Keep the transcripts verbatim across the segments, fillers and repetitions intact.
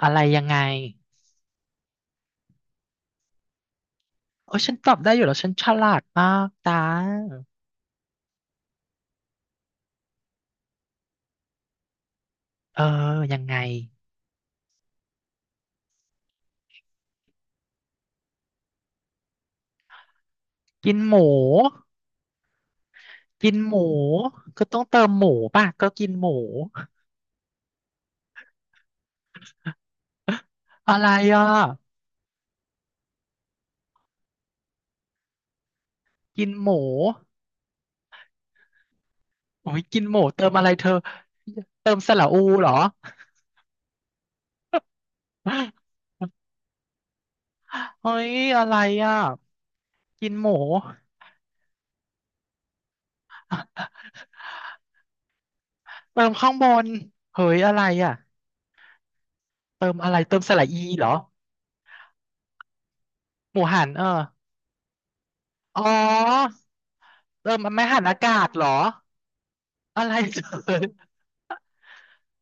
อะไรยังไงโอ้ยฉันตอบได้อยู่แล้วฉันฉลาดมากตาเออยังไงกินหมูกินหมูก็ต้องเติมหมูป่ะก็กินหมูอะไรอ่ะกินหมูโอ้ยกินหมูเติมอะไรเธอเติมสระอูเหรอเฮ้ยอะไรอ่ะกินหมูเติมข้างบนเฮ้ยอะไรอ่ะเติมอะไรเติมสระอีเหรอหมูหันเอออ๋อเติมไม่หันอากาศเหรออะไรเธอ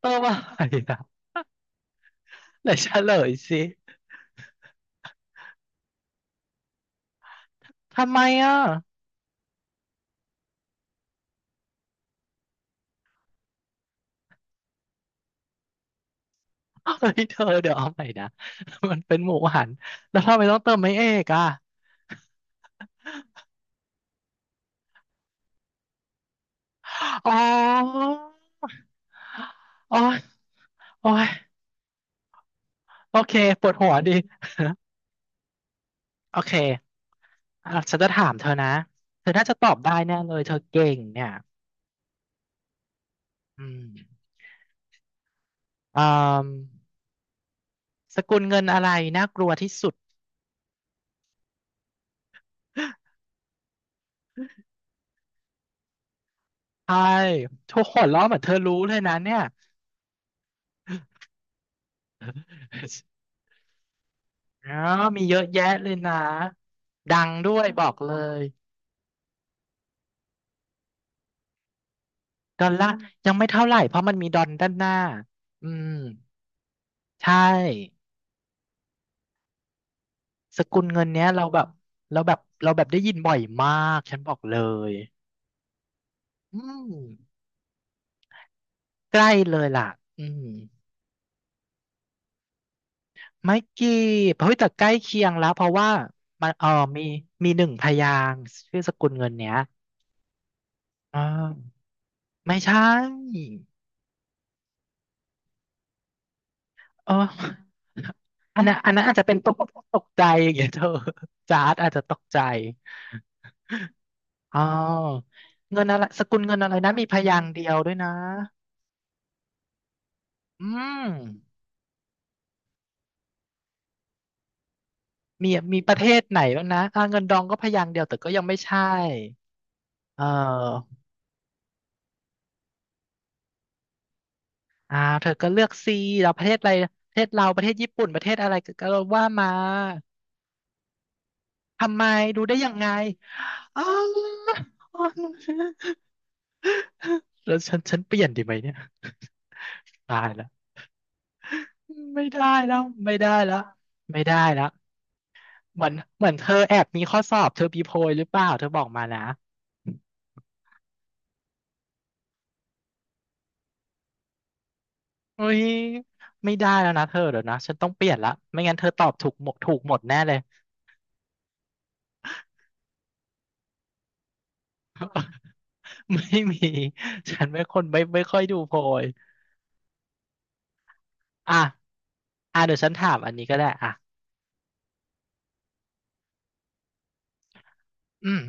เออว่าไงนะไหนเฉลยสิทำไมอ่ะเฮ้ยเธอเดี๋ยวเอาใหม่นะ มันเป็นหมูหัน แล้วทำไมต้องเติมไม่เอกอ่ะอ๋อโอ้ยโอ้ยโอเค ปวดหัวดิ โอเคอ่ะฉันจะถามเธอนะ เธอน่าจะตอบได้แน่เลยเธอเก่งเนี่ยอืมอ่าสกุลเงินอะไรน่ากลัวที่สุดใช่ทุกคนล้อเหมือนเธอรู้เลยนะเนี่ย อ๋อมีเยอะแยะเลยนะ ดังด้วยบอกเลยดอลลาร์ยังไม่เท่าไหร่เพราะมันมีดอลด้านหน้าอืมใช่สกุลเงินเนี้ยเราแบบเราแบบเราแบบได้ยินบ่อยมากฉันบอกเลยอืมใกล้เลยล่ะอืมไม่กี่เฮ้ยแต่ใกล้เคียงแล้วเพราะว่ามันเออมี มีหนึ่งพยางค์ชื่อสกุลเงินเนี้ยอ่าไม่ใช่ เอออันนั้นอันนั้นอาจจะเป็นตกตกใจอย่างเงี้ยเธอ จาร์ดอาจจะตกใจอ๋อเงินอะไรสกุลเงินอะไรนะมีพยางค์เดียวด้วยนะอืมมีมีประเทศไหนแล้วนะอ่าเงินดองก็พยางค์เดียวแต่ก็ยังไม่ใช่เอออ่าเธอก็เลือกซีเราประเทศอะไรประเทศเราประเทศญี่ปุ่นประเทศอะไรก็ก็ว่ามาทำไมดูได้ยังไงอ๋อาว แล้วฉันฉันเปลี่ยนดีไหมเนี่ย ตายละ ไม่ได้แล้วไม่ได้แล้วไม่ได้แล้วเหมือนเหมือนเธอแอบมีข้อสอบเธอปีโพยหรือเปล่าเธอบอกมานะอุ้ยไม่ได้แล้วนะเธอเดี๋ยวนะฉันต้องเปลี่ยนละไม่งั้นเธอตอบถูกหมดถูกหมดแน่เลยไม่มีฉันไม่คนไม่ไม่ค่อยดูโพยอ่ะอ่ะเดี๋ยวฉันถามอันนี้ก็ได้อ่ะอืม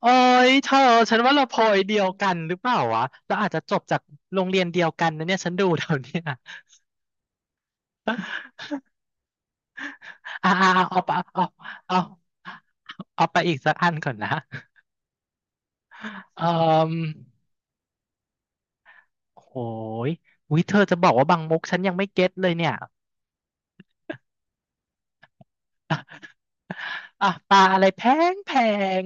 โอ้ยเธอฉันว่าเราโพยเดียวกันหรือเปล่าวะเราอาจจะจบจากโรงเรียนเดียวกันนะเนี่ยฉันดูแถวเนี้ย อ่าอเอาเอาเอาเอาเอาไปอีกสักอันก่อนนะเอ่อโหยวิเธอจะบอกว่าบางมุกฉันยังไม่เก็ตเลยเนี่ยอ่ะปลาอะไรแพงแพง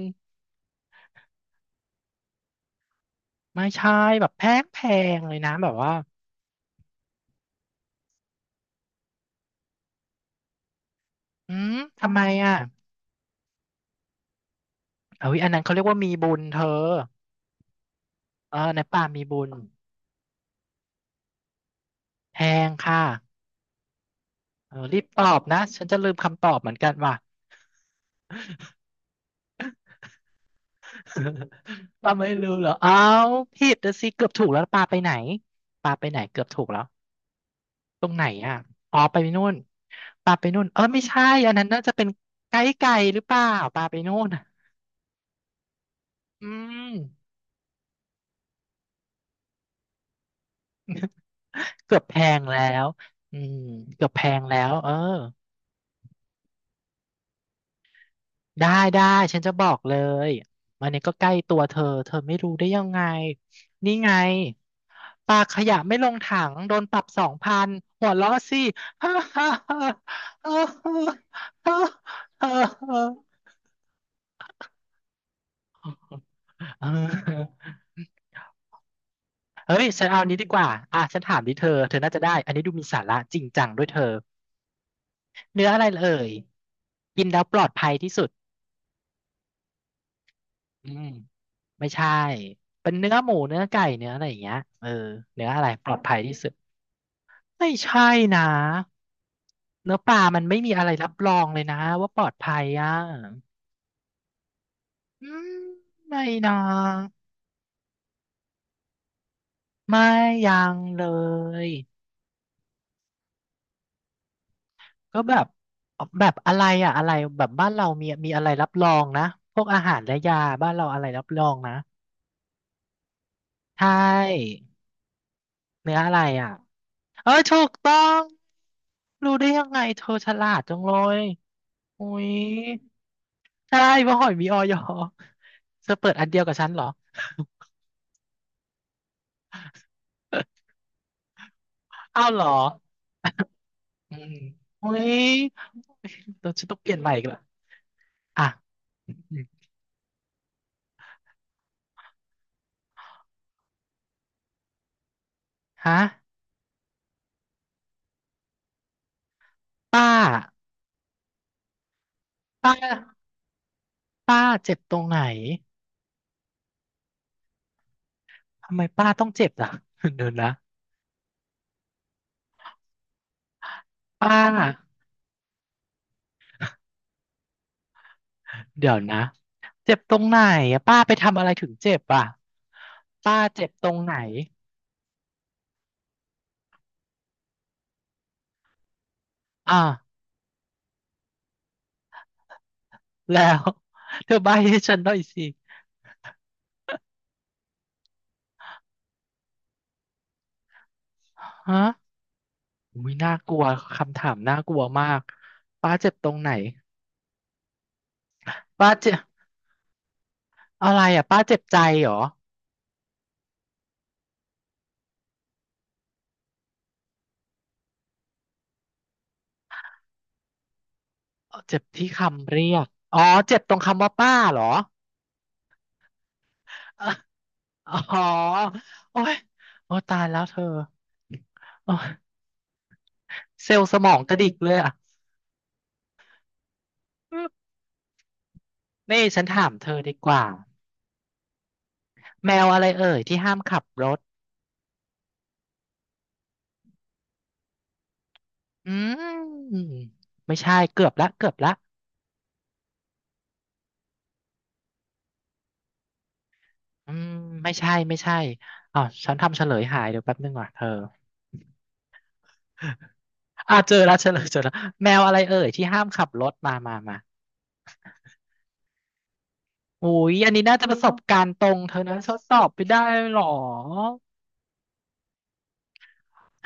ไม่ใช่แบบแพงแพงเลยนะแบบว่าอืมทำไมอ่ะเอ้ยอันนั้นเขาเรียกว่ามีบุญเธอเออในป่ามีบุญแพงค่ะเออรีบตอบนะฉันจะลืมคำตอบเหมือนกันว่ะ ป้าไม่รู้เหรอเอาผิดน่ะสิเกือบถูกแล้วปลาไปไหนปลาไปไหนเกือบถูกแล้ว ตรงไหนอ่ะอ๋อไปนู่นปลาไปนู่นเออไม่ใช่อันนั้นน่าจะเป็นไกด์ไก่หรือเปล่าปลาไปนู่นอ่ะอืมเกือบแพงแล้วอืมเกือบแพงแล้วเออได้ได้ฉันจะบอกเลยอันนี้ก็ใกล้ตัวเธอเธอไม่รู้ได้ยังไงนี่ไงปลาขยะไม่ลงถังโดนปรับสองพันหัวเราะสิ ฮ่าฮ่าฮ่าฮ่าฮ่าฮ่าฮ่า เฮ้ยฉันเอาอันนี้ดีกว่าอ่ะฉันถามดิเธอเธอน่าจะได้อันนี้ดูมีสาระจริงจังด้วยเธอ เนื้ออะไรเอ่ยกินแล้วปลอดภัยที่สุดอืมไม่ใช่ เป็นเนื้อหมูเนื้อไก่เนื้ออะไรอย่างเงี้ยเออเนื้ออะไรปลอดภัยที่สุดไม่ใช่นะเนื้อปลามันไม่มีอะไรรับรองเลยนะว่าปลอดภัยอ่ะอืมไม่นะไม่ยังเลย ก็แบบแบบอะไรอ่ะอะไรแบบบ้านเรามีมีอะไรรับรองนะพวกอาหารและยาบ้านเราอะไรรับรองนะใช่เนื้ออะไรอ่ะเออถูกต้องรู้ได้ยังไงเธอฉลาดจังเลยอุ้ยใช่ว่าหอยมีออยเธอเปิดอันเดียวกับฉันเหรอ อ้าวเหรออืมอุ้ยเราจะต้องเปลี่ยนใหม่อีกละอ่ะฮะป้าป้าป้าเจ็บตรงไหน ทำไมป้าต้องเจ็บอ่ะ เดี๋ยวนะป้าเดี๋ยวนะเจ็บตรงไหนอะป้าไปทำอะไรถึงเจ็บอ่ะป้าเจ็บตรงไหนอ่ะแล้ว เธอใบ้ให้ฉันหน่อยสิฮะอุ้ยน่ากลัวคำถามน่ากลัวมากป้าเจ็บตรงไหนป้าเจ็บอะไรอ่ะป้าเจ็บใจเหรอเอ่อเจ็บที่คำเรียกอ๋อเจ็บตรงคำว่าป้าเหรอเอ่ออ๋อโอ้ยโอ้ตายแล้วเธอโอ้ยเซลล์สมองกระดิกเลยอ่ะ นี่ฉันถามเธอดีกว่าแมวอะไรเอ่ยที่ห้ามขับรถอืมไม่ใช่เกือบละเกือบละอืมไม่ใช่ไม่ใช่อ้าวฉันทำเฉลยหายเดี๋ยวแป๊บนึงว่ะเธออ่าเจอแล้วเฉลยเจอแล้วแมวอะไรเอ่ยที่ห้ามขับรถมามามาอุ้ยอันนี้น่าจะประสบการณ์ตรงเธอนะทดสอบไปได้หรอ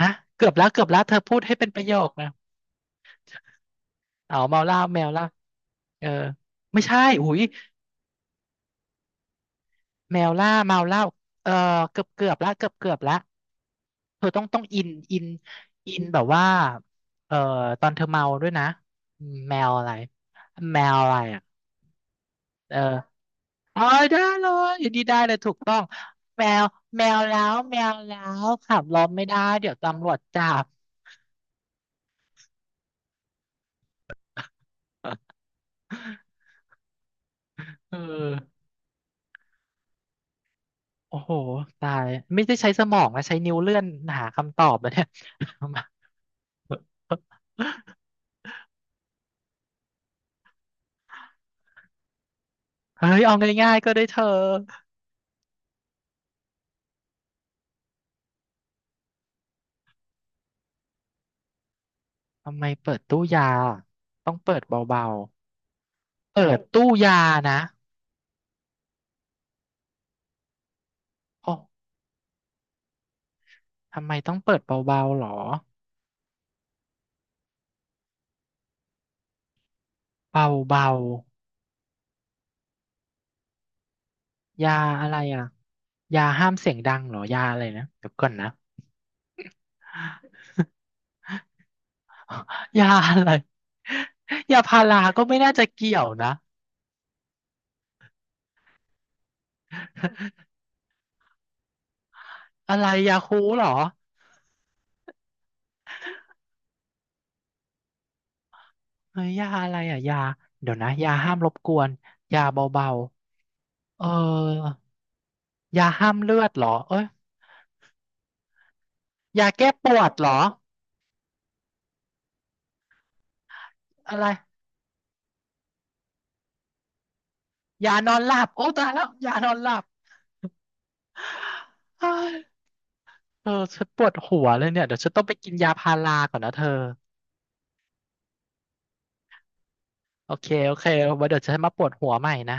ฮะเกือบแล้วเกือบแล้วเธอพูดให้เป็นประโยคนะเอาเมาเหล้าแมวเหล้าเออไม่ใช่อุ้ย แมวล่าเมาเหล่าเออเกือบเกือบละเกือบเกือบละเธอต้องต้องอินอินอินแบบว่าเออตอนเธอเมาด้วยนะแมวอะไรแมวอะไรอ่ะเออเอ๋อได้เลยอยู่ดีได้เลยถูกต้องแมวแมวแล้วแมวแล้วขับรถไม่ได้เดี๋ยวตำรวจจับ เออโอ้โหตายไม่ได้ใช้สมองนะใช้นิ้วเลื่อนหาคำตอบแล้วเนี่ย เฮ้ยเอาง่ายๆก็ได้เธอ ทำไมเปิดตู้ยาต้องเปิดเบาๆเปิดตู้ยานะโอ้ทำไมต้องเปิดเบาๆหรอเบาๆยาอะไรอ่ะยาห้ามเสียงดังเหรอยาอะไรนะเดี๋ยวก่อนนะ ยาอะไรยาพาราก็ไม่น่าจะเกี่ยวนะอะไรยาคูลเหรอเฮ้ยยาอะไรอ่ะยาเดี๋ยวนะยาห้ามรบกวนยาเบาๆเออยาห้ามเลือดเหรอเอ้ยยาแก้ปวดเหรออะไรยานอนหลับโอ้ตายแล้วยานอนหลับ เออฉันปวดหัวเลยเนี่ยเดี๋ยวฉันต้องไปกินยาพาราก่อนนะเธอโอเคโอเคไว้เดี๋ยวฉันมาปวดหัวใหม่นะ